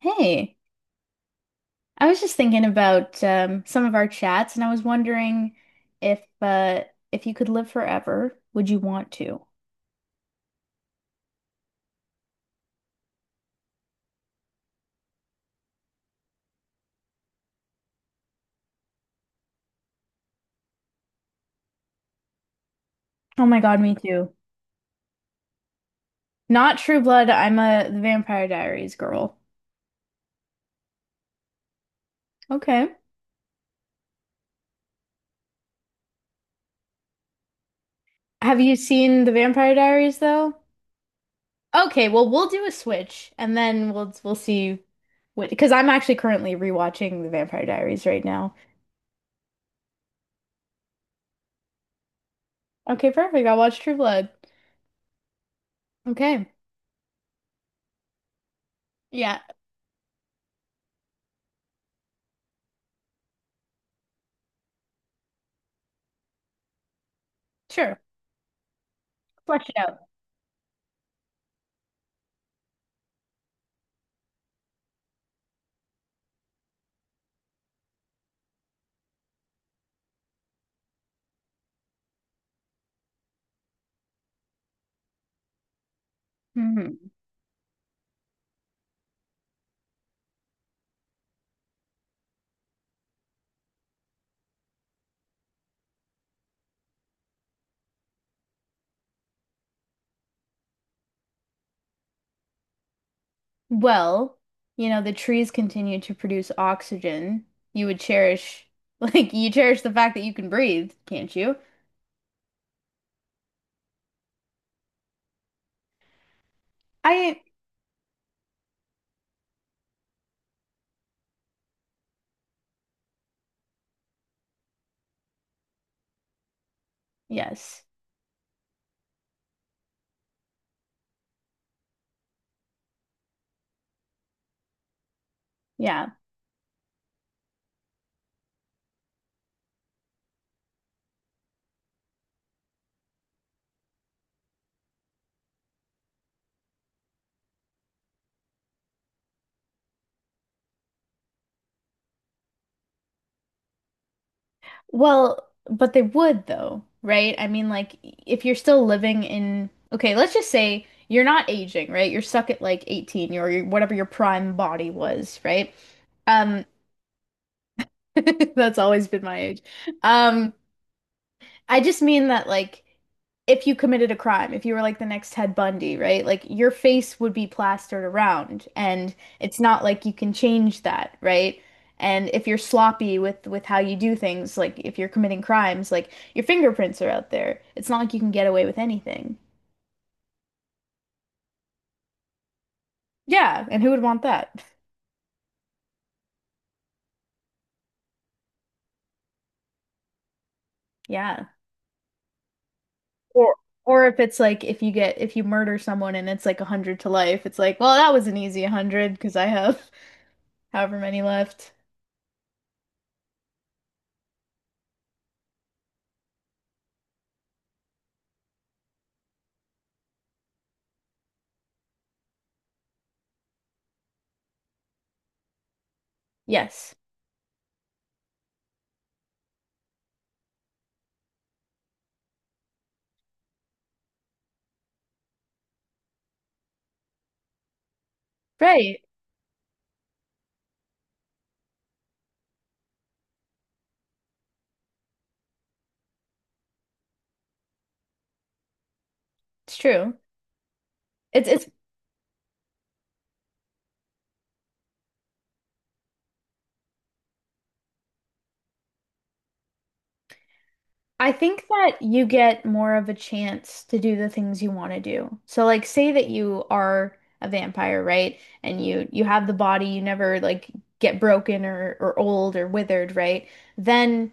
Hey, I was just thinking about some of our chats, and I was wondering if if you could live forever, would you want to? Oh my God, me too. Not True Blood. I'm a the Vampire Diaries girl. Okay. Have you seen the Vampire Diaries though? Okay, well we'll do a switch, and then we'll see what because I'm actually currently rewatching the Vampire Diaries right now. Okay, perfect. I'll watch True Blood. Okay. Yeah, sure. Flesh it out. Mhm. Well, you know, the trees continue to produce oxygen. You would cherish, like, you cherish the fact that you can breathe, can't you? I— yes. Yeah. Well, but they would, though, right? I mean, like, if you're still living in, okay, let's just say you're not aging, right? You're stuck at like 18 or your, whatever your prime body was, right? Um, that's always been my age. Um, I just mean that like if you committed a crime, if you were like the next Ted Bundy, right? Like your face would be plastered around and it's not like you can change that, right? And if you're sloppy with how you do things, like if you're committing crimes, like your fingerprints are out there. It's not like you can get away with anything. Yeah, and who would want that? Yeah. Or or if it's like if you get if you murder someone and it's like 100 to life, it's like, well, that was an easy hundred because I have however many left. Yes. Right. It's true. It's I think that you get more of a chance to do the things you want to do. So like say that you are a vampire, right? And you have the body, you never like get broken or old or withered, right? Then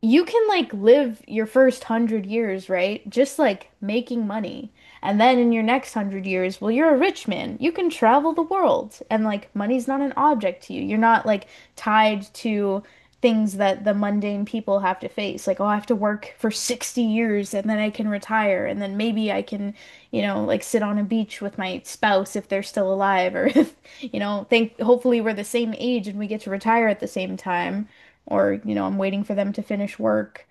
you can like live your first 100 years, right? Just like making money. And then in your next 100 years, well, you're a rich man. You can travel the world. And like money's not an object to you. You're not like tied to things that the mundane people have to face. Like, oh, I have to work for 60 years and then I can retire. And then maybe I can, you know, like sit on a beach with my spouse if they're still alive or if, you know, think hopefully we're the same age and we get to retire at the same time or, you know, I'm waiting for them to finish work.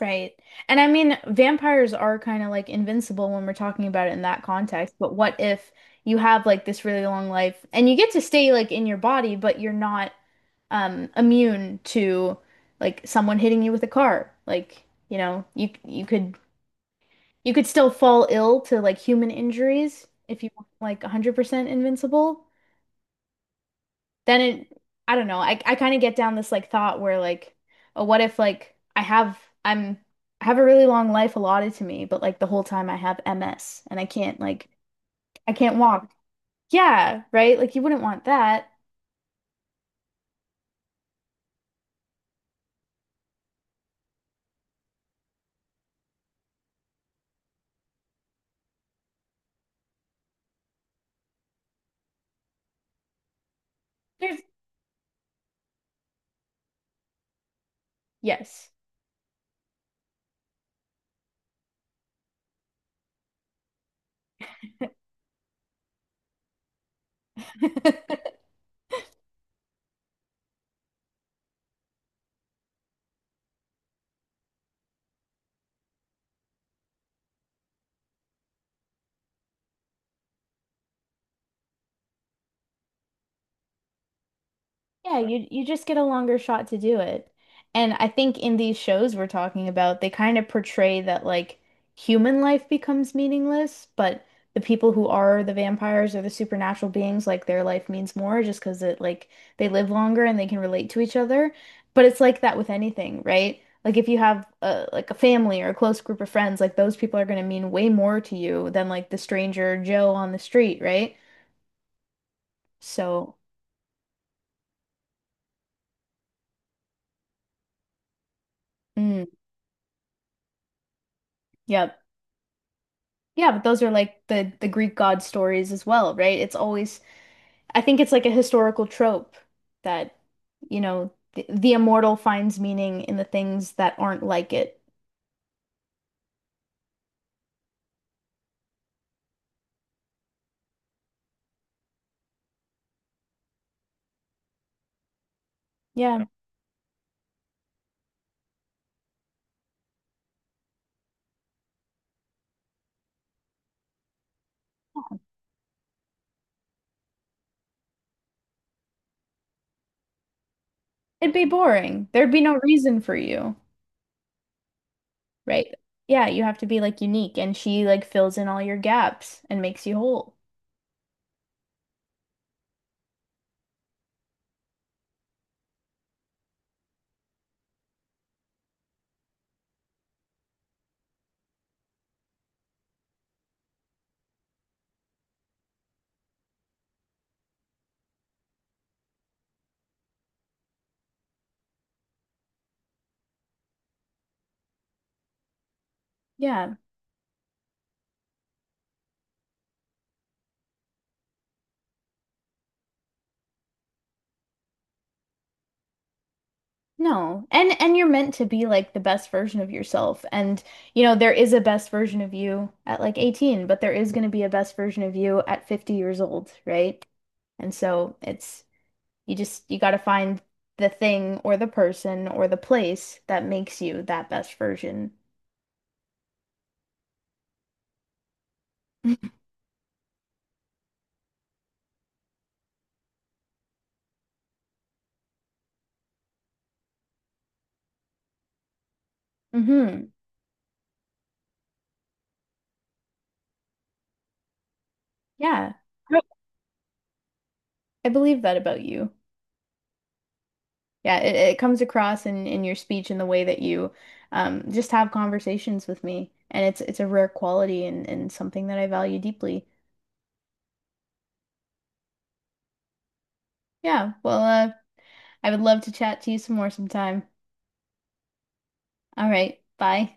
Right. And I mean, vampires are kind of like invincible when we're talking about it in that context, but what if you have like this really long life and you get to stay like in your body, but you're not immune to like someone hitting you with a car. Like, you know, you could you could still fall ill to like human injuries if you were like 100% invincible. Then it— I don't know. I kind of get down this like thought where like, oh, what if like I have— I'm— I have a really long life allotted to me, but like the whole time I have MS and I can't like I can't walk. Yeah, right? Like you wouldn't want that. There's— yes. Yeah, you just get a longer shot to do it. And I think in these shows we're talking about, they kind of portray that like human life becomes meaningless, but the people who are the vampires or the supernatural beings, like their life means more just because it like they live longer and they can relate to each other. But it's like that with anything, right? Like if you have a, like a family or a close group of friends, like those people are going to mean way more to you than like the stranger Joe on the street, right? So, mm, yep. Yeah, but those are like the Greek god stories as well, right? It's always— I think it's like a historical trope that, you know, the immortal finds meaning in the things that aren't like it. Yeah. It'd be boring. There'd be no reason for you, right? Yeah, you have to be like unique and she like fills in all your gaps and makes you whole. Yeah. No. And you're meant to be like the best version of yourself. And you know, there is a best version of you at like 18, but there is going to be a best version of you at 50 years old, right? And so it's— you just— you got to find the thing or the person or the place that makes you that best version. Mm-hmm. Yeah, I believe that about you. Yeah, it comes across in your speech and the way that you just have conversations with me. And it's a rare quality and something that I value deeply. Yeah, well, I would love to chat to you some more sometime. All right, bye.